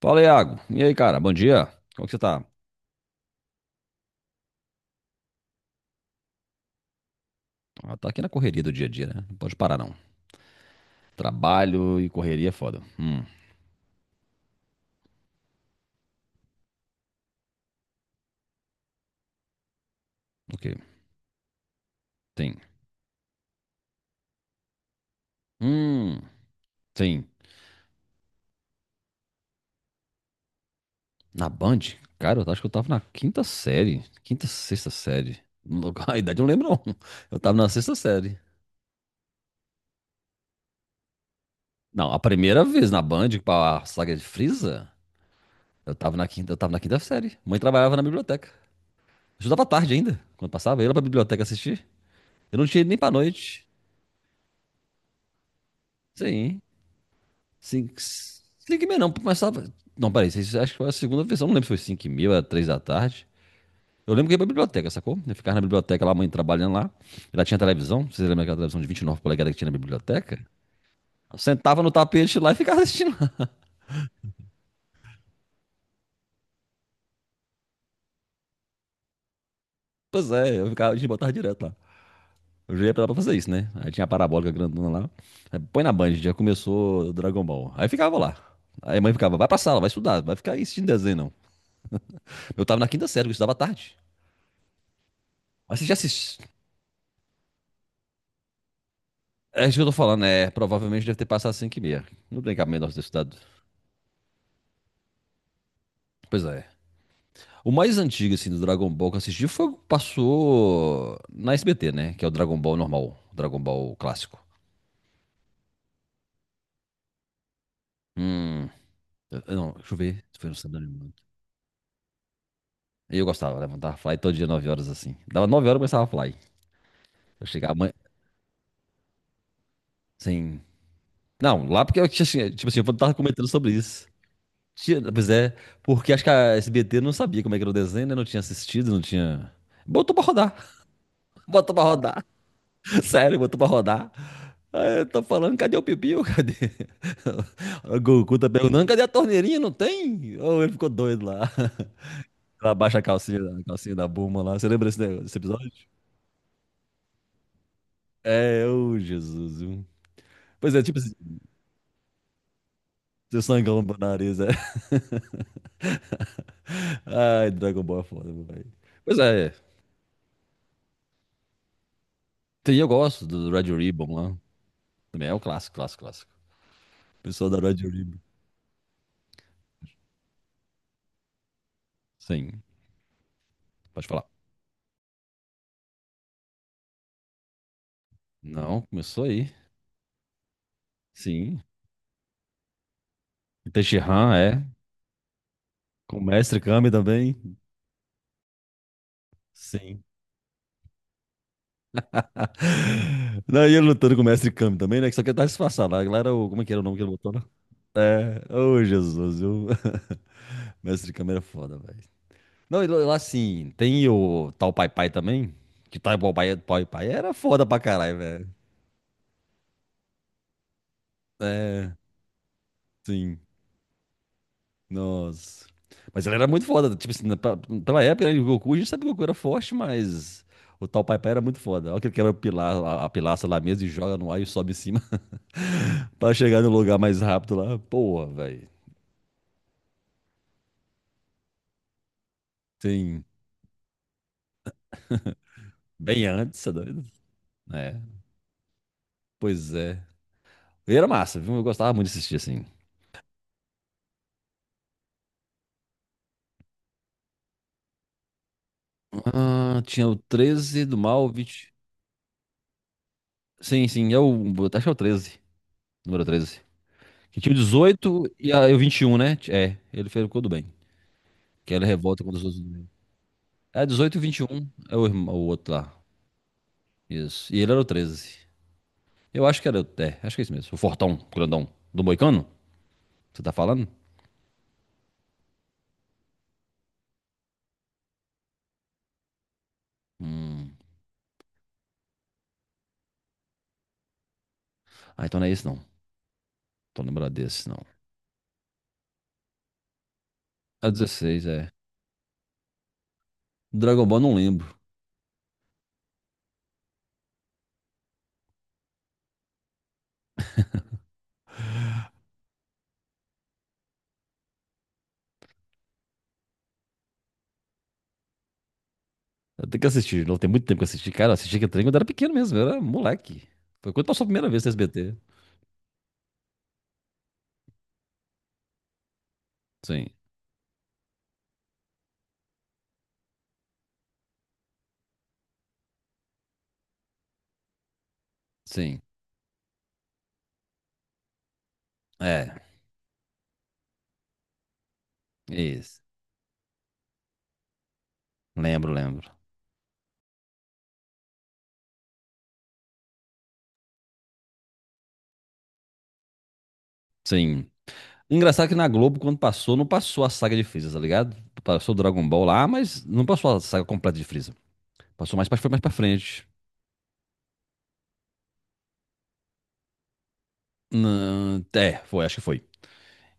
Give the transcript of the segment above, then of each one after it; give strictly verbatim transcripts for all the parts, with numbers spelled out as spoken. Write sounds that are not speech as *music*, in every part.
Fala, Iago. E aí, cara? Bom dia. Como é que você tá? Ah, tá aqui na correria do dia a dia, né? Não pode parar, não. Trabalho e correria é foda. Hum, ok. Tem. Hum, tem. Na Band? Cara, eu acho que eu tava na quinta série. Quinta, sexta série. Não- *laughs* A idade eu não lembro, não. Eu tava na sexta série. Não, a primeira vez na Band, pra saga de Frieza, eu tava na quinta, eu tava na quinta série. Mãe trabalhava na biblioteca. Eu estudava à tarde ainda, quando passava. Eu ia lá pra biblioteca assistir. Eu não tinha ido nem pra noite. Sim. cinco 5 e meia não, começava. Não, peraí, isso- acho que foi a segunda versão, não lembro se foi cinco e meia, era três da tarde. Eu lembro que ia pra biblioteca, sacou? Eu ficava na biblioteca lá, a mãe trabalhando lá. Ela tinha televisão, vocês lembram daquela televisão de vinte e nove polegadas que tinha na biblioteca? Eu sentava no tapete lá e ficava assistindo lá. *laughs* Pois é, eu ficava, a gente botava direto lá. Eu já ia pra lá pra fazer isso, né? Aí tinha a parabólica grandona lá. Aí, põe na Band, já começou Dragon Ball. Aí ficava lá. Aí a mãe ficava, vai pra sala, vai estudar, vai ficar aí assistindo desenho, não. Eu tava na quinta série, eu estudava à tarde. Mas você já assistiu? É isso que eu tô falando, é. Provavelmente deve ter passado cinco e meia. Não tem cabimento nós ter estudado. Pois é. O mais antigo, assim, do Dragon Ball que eu assisti foi o que passou na S B T, né? Que é o Dragon Ball normal, o Dragon Ball clássico. Hum. eu- eu Não, deixa eu ver se foi no Sandro Animado. Eu gostava, levantava fly todo dia nove horas, assim. Dava nove horas e começava a fly. Eu chegava amanhã. Sim. Não, lá porque eu tinha, assim, tipo assim, eu tava comentando sobre isso. Tinha, pois é, porque acho que a S B T não sabia como é que era o desenho, né? Não tinha assistido, não tinha. Botou pra rodar. *laughs* Botou pra rodar. *laughs* Sério, botou pra rodar. Aí eu tô falando, cadê o pipiu? *laughs* Cadê? O Goku tá perguntando, cadê a torneirinha? Não tem? Ou ele ficou doido lá. Ela baixa a calcinha, a calcinha da Bulma lá. Você lembra esse, negócio- desse episódio? É, ô Jesus, viu? Pois é, tipo, esse- seu sangão no nariz, é. *laughs* Ai, Dragon Ball é foda, meu velho. Pois é, tem, eu gosto do Red Ribbon lá. Também é o clássico, clássico, clássico. Pessoal da Red Ribbon. Sim, pode falar. Não, começou aí. Sim. Teixe é. Com o mestre Kami também? Sim. Não, e ele lutando com o mestre Kami também, né? Que só quer dar disfarçado lá. Lá era o. Como é que era o nome que ele botou lá? É. Ô, Jesus, viu? *laughs* Mestre Kami era foda, velho. Não, e lá assim, tem o tal Pai Pai também? Que tal Pai Pai Pai era foda pra caralho, velho. É, sim. Nossa. Mas ele era muito foda. Tipo assim, na- pra- pela época, né, o Goku, a gente sabe que o Goku era forte, mas o tal Pai Pai era muito foda. Olha que ele quebra o pilar, a, a pilastra lá mesmo e joga no ar e sobe em cima. Pra chegar no lugar mais rápido lá, porra, velho. Sim, bem antes, você é doido? É, pois é. E era massa, viu? Eu gostava muito de assistir assim. Ah, tinha o treze do Malvich. Sim, sim, é o. Acho que é o treze, número treze. Que tinha o dezoito e a, e o vinte e um, né? É, ele fez tudo bem. Que ele revolta contra os outros do bem. É, dezoito e vinte e um é o, irmão- o outro lá. Isso. E ele era o treze. Eu acho que era o. É, acho que é isso mesmo. O Fortão, grandão. Do Moicano? Você tá falando? Hum. Ah, então não é esse não. Tô lembrado desse, não. É dezesseis é. Dragon Ball não lembro. Eu tenho que assistir, não tem muito tempo que eu assisti. Cara, eu assisti que trem quando eu era pequeno mesmo, eu era moleque. Foi quando passou a primeira vez no S B T. Sim, sim. É, isso. Lembro, lembro. Sim. Engraçado que na Globo, quando passou, não passou a saga de Freeza, tá ligado? Passou o Dragon Ball lá, mas não passou a saga completa de Freeza. Passou mais pra, foi mais pra frente. Não, é, foi, acho que foi.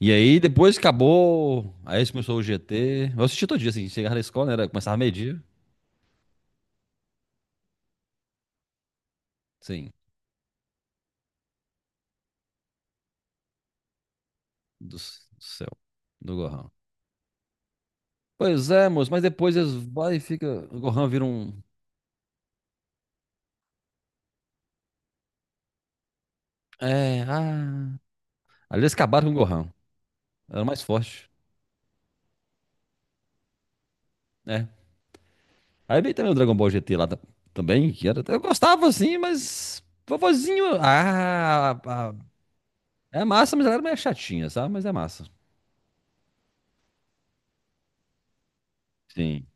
E aí, depois que acabou. Aí começou o G T. Eu assisti todo dia, assim. Chegava na escola, né, era, começava meio-dia. Sim. do, c- do céu, do Gohan. Pois é, moço, mas depois eles vai e fica. O Gohan vira um. É, ah. Ali eles acabaram com o Gohan. Era o mais forte. É. Aí veio também o Dragon Ball G T lá ta- também, que era. Eu gostava assim, mas. Vovozinho. Ah, ah, é massa, mas ela era meio chatinha, sabe? Mas é massa. Sim.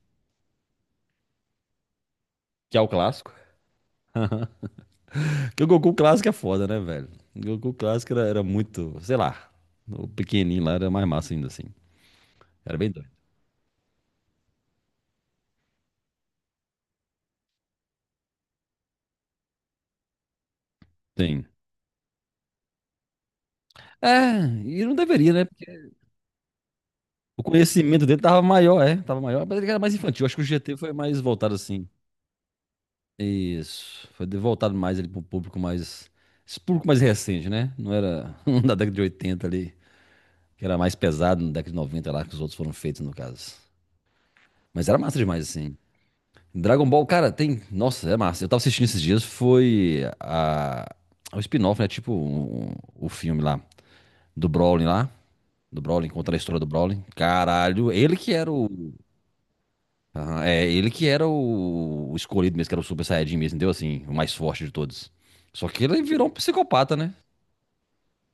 Que é o clássico. *laughs* Porque o Goku clássico é foda, né, velho? O Goku clássico era, era muito, sei lá, o pequenininho lá era mais massa ainda assim. Era bem doido. Sim. É, e não deveria, né? Porque o conhecimento dele tava maior, é, tava maior, mas ele era mais infantil. Acho que o G T foi mais voltado assim. Isso, foi de- voltado mais ali pro público mais, esse público mais recente, né? Não era *laughs* um da década de oitenta ali, que era mais pesado, na década de noventa lá que os outros foram feitos no caso. Mas era massa demais assim. Dragon Ball, cara, tem, nossa, é massa. Eu tava assistindo esses dias, foi a o spin-off, né? Tipo um- um, o filme lá do Broly lá, do Broly contra a história do Broly. Caralho, ele que era o Aham, É, ele que era o, o escolhido mesmo, que era o Super Saiyajin mesmo, entendeu? Assim, o mais forte de todos. Só que ele virou um psicopata, né?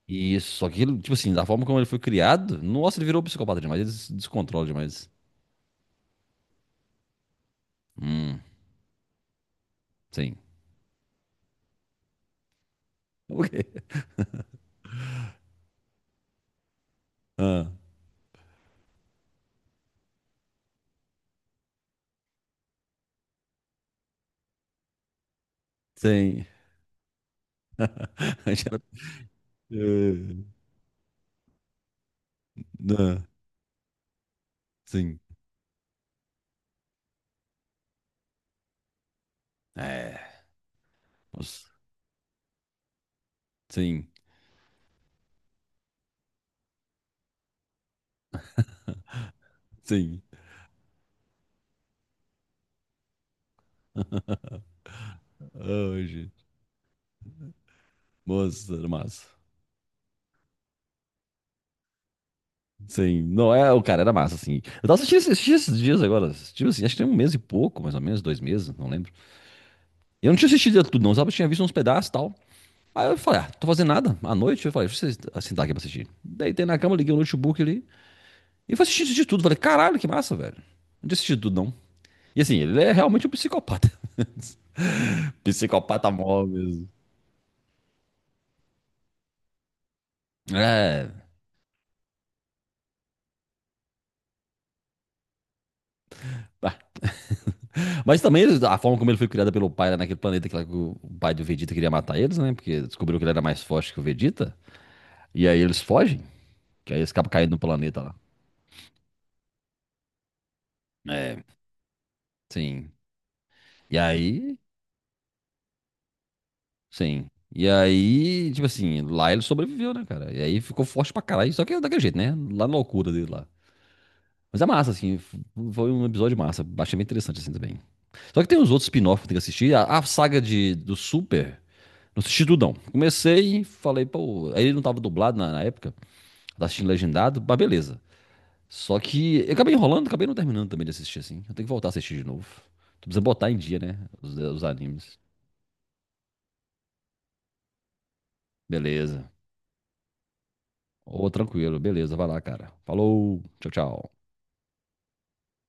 E isso, só que ele, tipo assim, da forma como ele foi criado, nossa, ele virou um psicopata demais, ele se descontrola demais. Hum, sim. *laughs* O quê? Sim. *laughs* Já- É, não, sim. É. Nossa, sim, sim. Hoje. Nossa, era massa. Sim, não é, o cara era massa, assim. Eu tava assistindo, esses assisti esses dias agora, assisti, assim, acho que tem um mês e pouco, mais ou menos, dois meses, não lembro. Eu não tinha assistido tudo, não, sabe? Eu tinha visto uns pedaços e tal. Aí eu falei, ah, tô fazendo nada. À noite, eu falei, deixa eu sentar aqui pra assistir. Deitei na cama, liguei o notebook ali. E fui assistir, assisti tudo. Falei, caralho, que massa, velho. Não tinha assistido tudo, não. E assim, ele é realmente um psicopata. *laughs* Psicopata mó mesmo. É. Tá. Mas também a forma como ele foi criado pelo pai lá naquele planeta que, lá que o o pai do Vegeta queria matar eles, né? Porque descobriu que ele era mais forte que o Vegeta. E aí eles fogem, que aí eles acabam caindo no planeta lá. É. Sim. E aí, sim. E aí, tipo assim, lá ele sobreviveu, né, cara? E aí ficou forte pra caralho, só que é daquele jeito, né? Lá na loucura dele lá. Mas é massa, assim, f- foi um episódio massa. Achei bem interessante, assim, também. Só que tem uns outros spin-off que tem que assistir. A, a saga de, do Super, não assisti tudo, não. Comecei, e falei, pô. Aí ele não tava dublado na, na época, tava assistindo legendado, mas beleza. Só que eu acabei enrolando, acabei não terminando também de assistir assim. Eu tenho que voltar a assistir de novo. Tu precisa botar em dia, né? Os, os animes. Beleza. Ô, tranquilo, beleza, vai lá, cara. Falou, tchau, tchau.